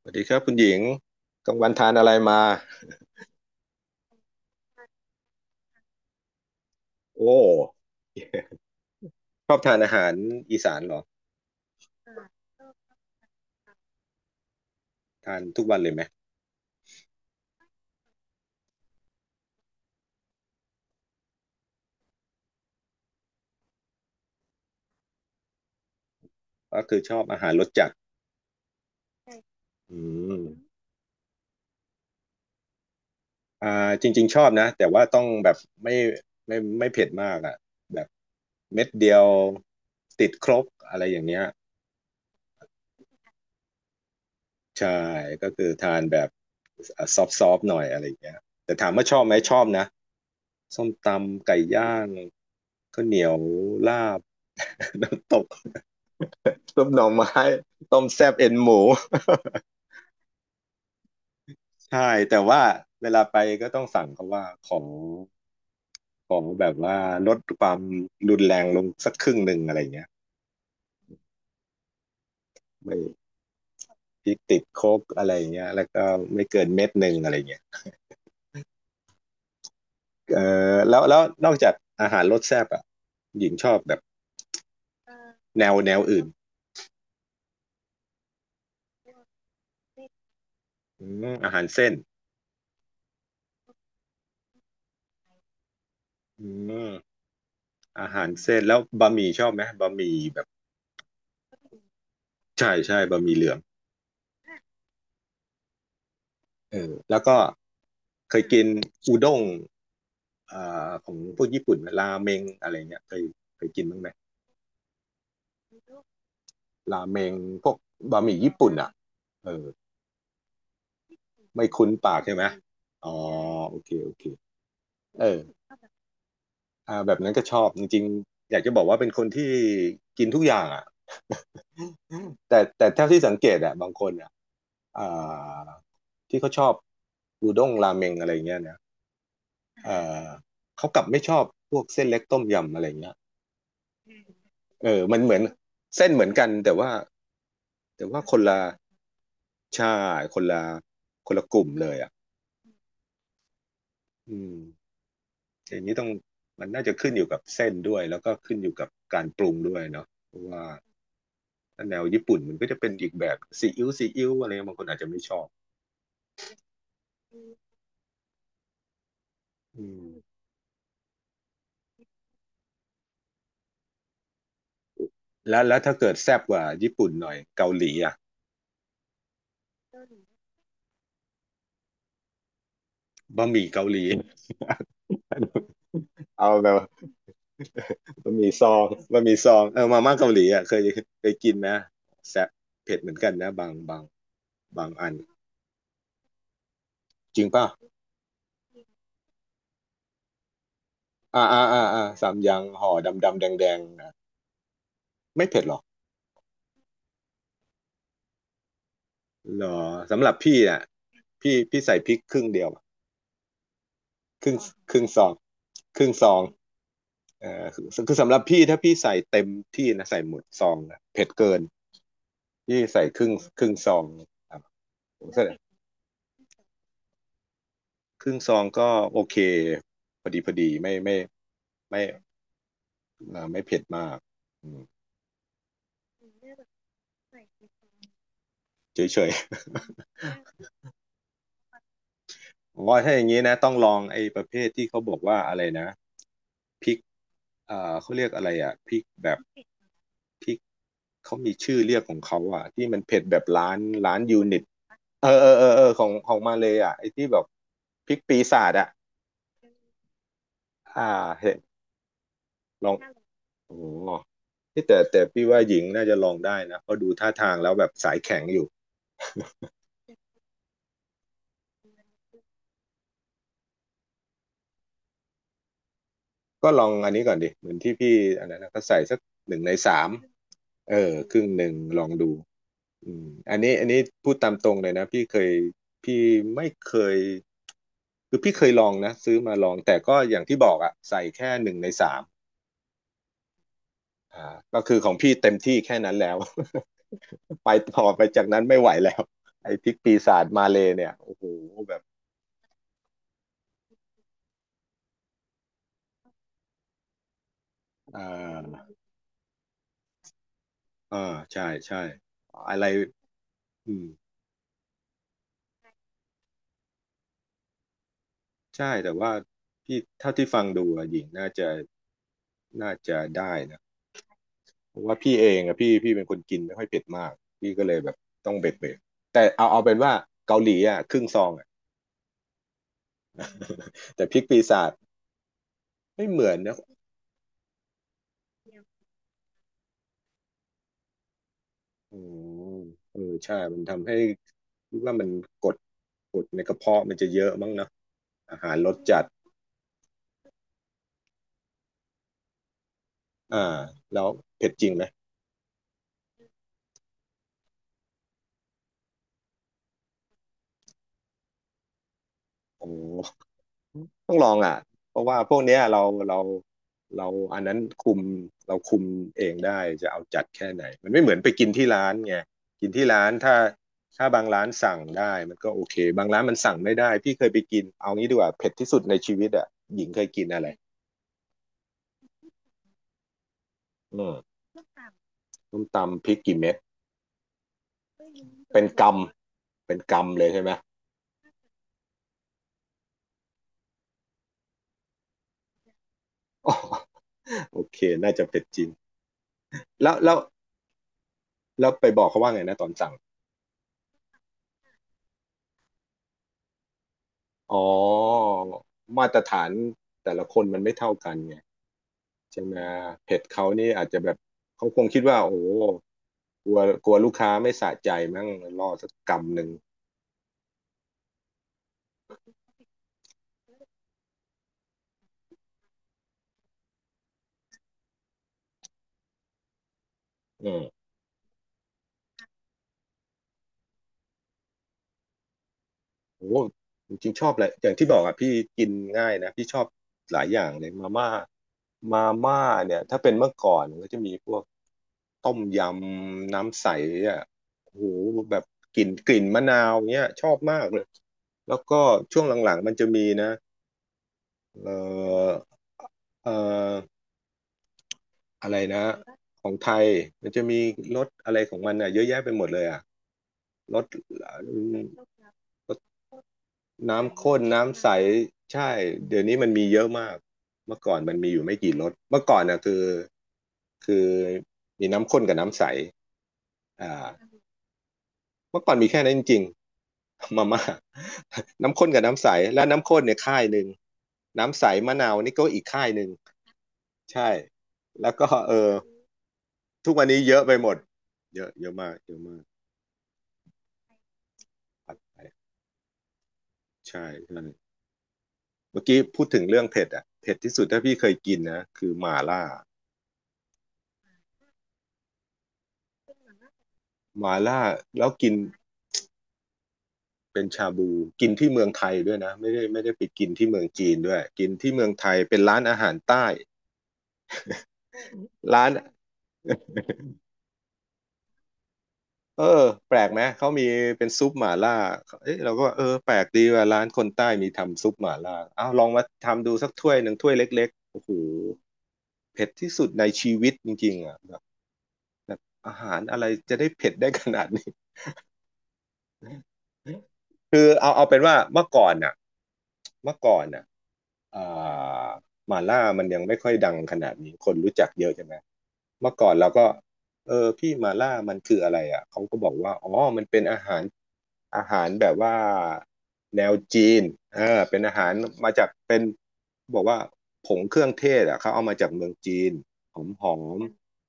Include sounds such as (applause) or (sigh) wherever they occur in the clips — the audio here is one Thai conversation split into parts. สวัสดีครับคุณหญิงกลางวันทานอะไรมา โอ้ชอบทานอาหารอีสานเหรอ ทานทุกวันเลยไหม ก็คือชอบอาหารรสจัดอืมอ่าจริงๆชอบนะแต่ว่าต้องแบบไม่ไม่เผ็ดมากอ่ะแบบเม็ดเดียวติดครกอะไรอย่างเงี้ยใช่ก็คือทานแบบซอฟหน่อยอะไรอย่างเงี้ยแต่ถามว่าชอบไหมชอบนะส้มตำไก่ย่างข้าวเหนียวลาบ (laughs) น้ำตก ซุปหน่อไม้ต้มแซ่บเอ็นหมู (laughs) ใช่แต่ว่าเวลาไปก็ต้องสั่งเขาว่าขอแบบว่าลดความรุนแรงลงสักครึ่งหนึ่งอะไรเงี้ยไม่พริกติดโคกอะไรเงี้ยแล้วก็ไม่เกินเม็ดหนึ่งอะไรเงี้ยเออแล้วนอกจากอาหารรสแซ่บอ่ะหญิงชอบแบบแนวอื่นอืมอาหารเส้นอืมอาหารเส้นแล้วบะหมี่ชอบไหมบะหมี่แบบใช่บะหมี่เหลือง เออแล้วก็เคยกินอูด้งอ่ของพวกญี่ปุ่นราเมงอะไรเงี้ยเคยกินบ้างไหมราเมงพวกบะหมี่ญี่ปุ่นอ่ะเออไม่คุ้นปากใช่ไหมอ๋อโอเคเออแบบนั้นก็ชอบจริงๆอยากจะบอกว่าเป็นคนที่กินทุกอย่างอ่ะแต่เท่าที่สังเกตอ่ะบางคนอ่ะอ่าที่เขาชอบอูด้งราเมงอะไรเงี้ยนะเออเขากลับไม่ชอบพวกเส้นเล็กต้มยำอะไรเงี้ย เออมันเหมือนเส้นเหมือนกันแต่ว่าคนละใช่คนละกลุ่มเลยอ่ะอืมอย่างนี้ต้องมันน่าจะขึ้นอยู่กับเส้นด้วยแล้วก็ขึ้นอยู่กับการปรุงด้วยเนาะเพราะว่าถ้าแนวญี่ปุ่นมันก็จะเป็นอีกแบบซีอิ๊วอะไรเงี้ยบางคนอาจจะไม่ชอบอืมแล้วถ้าเกิดแซ่บกว่าญี่ปุ่นหน่อยเกาหลีอ่ะบะหมี่เกาหลีเอาแบบบะหมี่ซองบะหมี่ซองเออมาม่าเกาหลีอ่ะเคยกินไหมแซ่บเผ็ดเหมือนกันนะบางอันจริงป่ะ อ่าสามอยังห่อดำดำแดงแดงๆนะไม่เผ็ดหรอกเหรอสำหรับพี่น่ะพี่ใส่พริกครึ่งเดียวอะครึ่งครึ่งซองครึ่งซองคือสำหรับพี่ถ้าพี่ใส่เต็มที่นะใส่หมดซองนะเผ็ดเกินพี่ใส่ครึ่งครึ่งซองครับผมใส่ครึ่งซองก็โอเคพอดีไม่ไม่ไม่เผ็ดมากอืมเฉยๆผมว่าถ้าอย่างนี้นะต้องลองไอ้ประเภทที่เขาบอกว่าอะไรนะ พริกเขาเรียกอะไรอ่ะพริกแบบพริกเขามีชื่อเรียกของเขาอ่ะที่มันเผ็ดแบบล้านล้านยูนิตเออของมาเลยอ่ะไอ้ที่แบบพริกปีศาจอ่ะอ่าเห็นลองโอ้โอ้ที่แต่พี่ว่าหญิงน่าจะลองได้นะเพราะดูท่าทางแล้วแบบสายแข็งอยู่ ก็ลองอันนี้ก่อนดิเหมือนที่พี่อันนั้นนะก็ใส่สักหนึ่งในสาม เออครึ่งหนึ่งลองดู อืมอันนี้พูดตามตรงเลยนะพี่เคยพี่ไม่เคยคือพี่เคยลองนะซื้อมาลองแต่ก็อย่างที่บอกอะใส่แค่หนึ่งในสามอ่าก็คือของพี่เต็มที่แค่นั้นแล้ว (laughs) ไปต่อไปจากนั้นไม่ไหวแล้วไอ้พริกปีศาจมาเลยเนี่ยโอ้โหแบบอ่าอ่าใช่อะไรอืมใช่แต่ว่าพี่เท่าที่ฟังดูอะหญิงน่าจะได้นะ เพราะว่าพี่เองอะพี่เป็นคนกินไม่ค่อยเผ็ดมากพี่ก็เลยแบบต้องเบ็ดแต่เอาเป็นว่าเกาหลีอะครึ่งซองอะ (laughs) แต่พริกปีศาจไม่เหมือนนะอืมเออใช่มันทำให้คิดว่ามันกดในกระเพาะมันจะเยอะมั้งเนอะอาหารรสจัดอ่าแล้วเผ็ดจริงไหมโอ้ ต้องลองอ่ะเพราะว่าพวกเนี้ยเราเราอันนั้นคุมเราคุมเองได้จะเอาจัดแค่ไหนมันไม่เหมือนไปกินที่ร้านไงกินที่ร้านถ้าบางร้านสั่งได้มันก็โอเคบางร้านมันสั่งไม่ได้พี่เคยไปกินเอางี้ดีกว่าเผ็ดที่สุดในชีวิตอ่ะหญิงเคยกินอะไรอืมต้มตำพริกกี่เม็ดเป็นกำเลยใช่ไหมอ๋อ (laughs) โอเคน่าจะเผ็ดจริงแล้วแล้วแล้วไปบอกเขาว่าไงนะตอนสั่ง อ๋อมาตรฐานแต่ละคนมันไม่เท่ากันไงใช่ไหมเผ็ดเขานี่อาจจะแบบเขาคงคิดว่าโอ้โหกลัวกลัวลูกค้าไม่สะใจมั้งล่อสักกำหนึ่งอืมโอ้โหจริงๆชอบแหละอย่างที่บอกอ่ะพี่กินง่ายนะพี่ชอบหลายอย่างเลยมาม่ามาม่าเนี่ยถ้าเป็นเมื่อก่อนนก็จะมีพวกต้มยำน้ำใสอ่ะโอ้โหแบบกลิ่นมะนาวเนี้ยชอบมากเลยแล้วก็ช่วงหลังๆมันจะมีนะ เอ่อเอ่ออะไรนะ ของไทย มันจะมีรสอะไรของมันอ่ะเยอะแยะไปหมดเลยอ่ะรสอืมรสน้ำข้นน้ำใสใช่ เดี๋ยวนี้มันมีเยอะมากเมื่อก่อนมันมีอยู่ไม่กี่รสเมื่อก่อนน่ะคือมีน้ำข้นกับน้ำใสอ่าเมื่อก่อนมีแค่นั้นจริง (laughs) ๆมาม่า (laughs) น้ำข้นกับน้ำใส และน้ำข้นเนี่ยค่ายหนึ่ง น้ำใสมะนาวนี่ก็อีกค่ายหนึ่งใช่ แล้วก็เออ ทุกวันนี้เยอะไปหมดเยอะเยอะมากเยอะมากผัดไทยใช่ใช่เมื่อกี้พูดถึงเรื่องเผ็ดอ่ะเผ็ดที่สุดถ้าพี่เคยกินนะคือหม่าล่าหม่าล่าแล้วกินเป็นชาบูกินที่เมืองไทยด้วยนะไม่ได้ไปกินที่เมืองจีนด้วยกินที่เมืองไทยเป็นร้านอาหารใต้ร้านเออแปลกไหมเขามีเป็นซุปหม่าล่าเอ๊ะเราก็ว่าเออแปลกดีว่าร้านคนใต้มีทำซุปหม่าล่าเอาลองมาทำดูสักถ้วยหนึ่งถ้วยเล็กๆโอ้โหเผ็ดที่สุดในชีวิตจริงๆอ่ะ อาหารอะไรจะได้เผ็ดได้ขนาดนี้ (laughs) คือเอาเป็นว่าเมื่อก่อนน่ะเมื่อก่อนน่ะอ่าหม่าล่ามันยังไม่ค่อยดังขนาดนี้คนรู้จักเยอะใช่ไหมเมื่อก่อนเราก็เออพี่หม่าล่ามันคืออะไรอ่ะเขาก็บอกว่าอ๋อมันเป็นอาหารอาหารแบบว่าแนวจีนเออเป็นอาหารมาจากเป็นบอกว่าผงเครื่องเทศอ่ะเขาเอามาจากเมืองจีนหอมหอม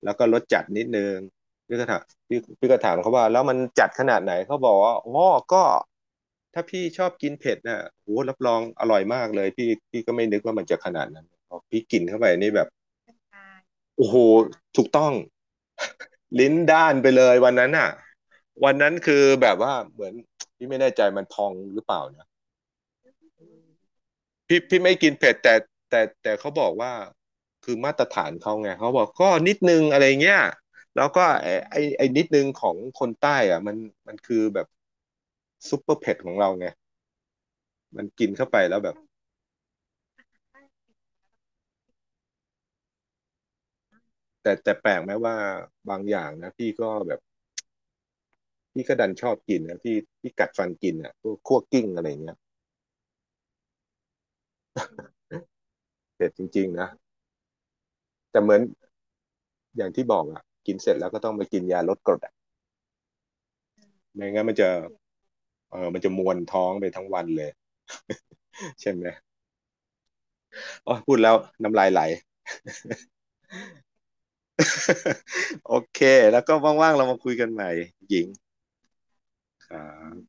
แล้วก็รสจัดนิดนึง พี่ก็ถามพี่ก็ถามเขาว่าแล้วมันจัดขนาดไหนเขาบอกว่าอ๋อก็ถ้าพี่ชอบกินเผ็ดน่ะโหรับรองอร่อยมากเลยพี่พี่ก็ไม่นึกว่ามันจะขนาดนั้นพอพี่กินเข้าไปนี่แบบโอ้โหถูกต้อง (laughs) ลิ้นด้านไปเลยวันนั้นน่ะวันนั้นคือแบบว่าเหมือนพี่ไม่แน่ใจมันพองหรือเปล่านะ พี่ไม่กินเผ็ดแต่แต่เขาบอกว่าคือมาตรฐานเขาไงเขาบอกก็นิดนึงอะไรเงี้ยแล้วก็ไอไอไอนิดนึงของคนใต้อ่ะมันมันคือแบบซุปเปอร์เผ็ดของเราไงมันกินเข้าไปแล้วแบบแต่แปลกไหมว่าบางอย่างนะพี่ก็แบบพี่ก็ดันชอบกินนะพี่พี่กัดฟันกินอ่ะพวกคั่วกลิ้งอะไรเงี้ยเผ็ดจริงๆนะแต่เหมือนอย่างที่บอกอ่ะกินเสร็จแล้วก็ต้องไปกินยาลดกรดอ่ะไม่งั้นมันจะเออมันจะมวนท้องไปทั้งวันเลย (laughs) ใช่ไหม โอ้ยพูดแล้วน้ำลายไหล (laughs) โอเคแล้วก็ว่างๆเรามาคุยกันใหม่หญิงครับ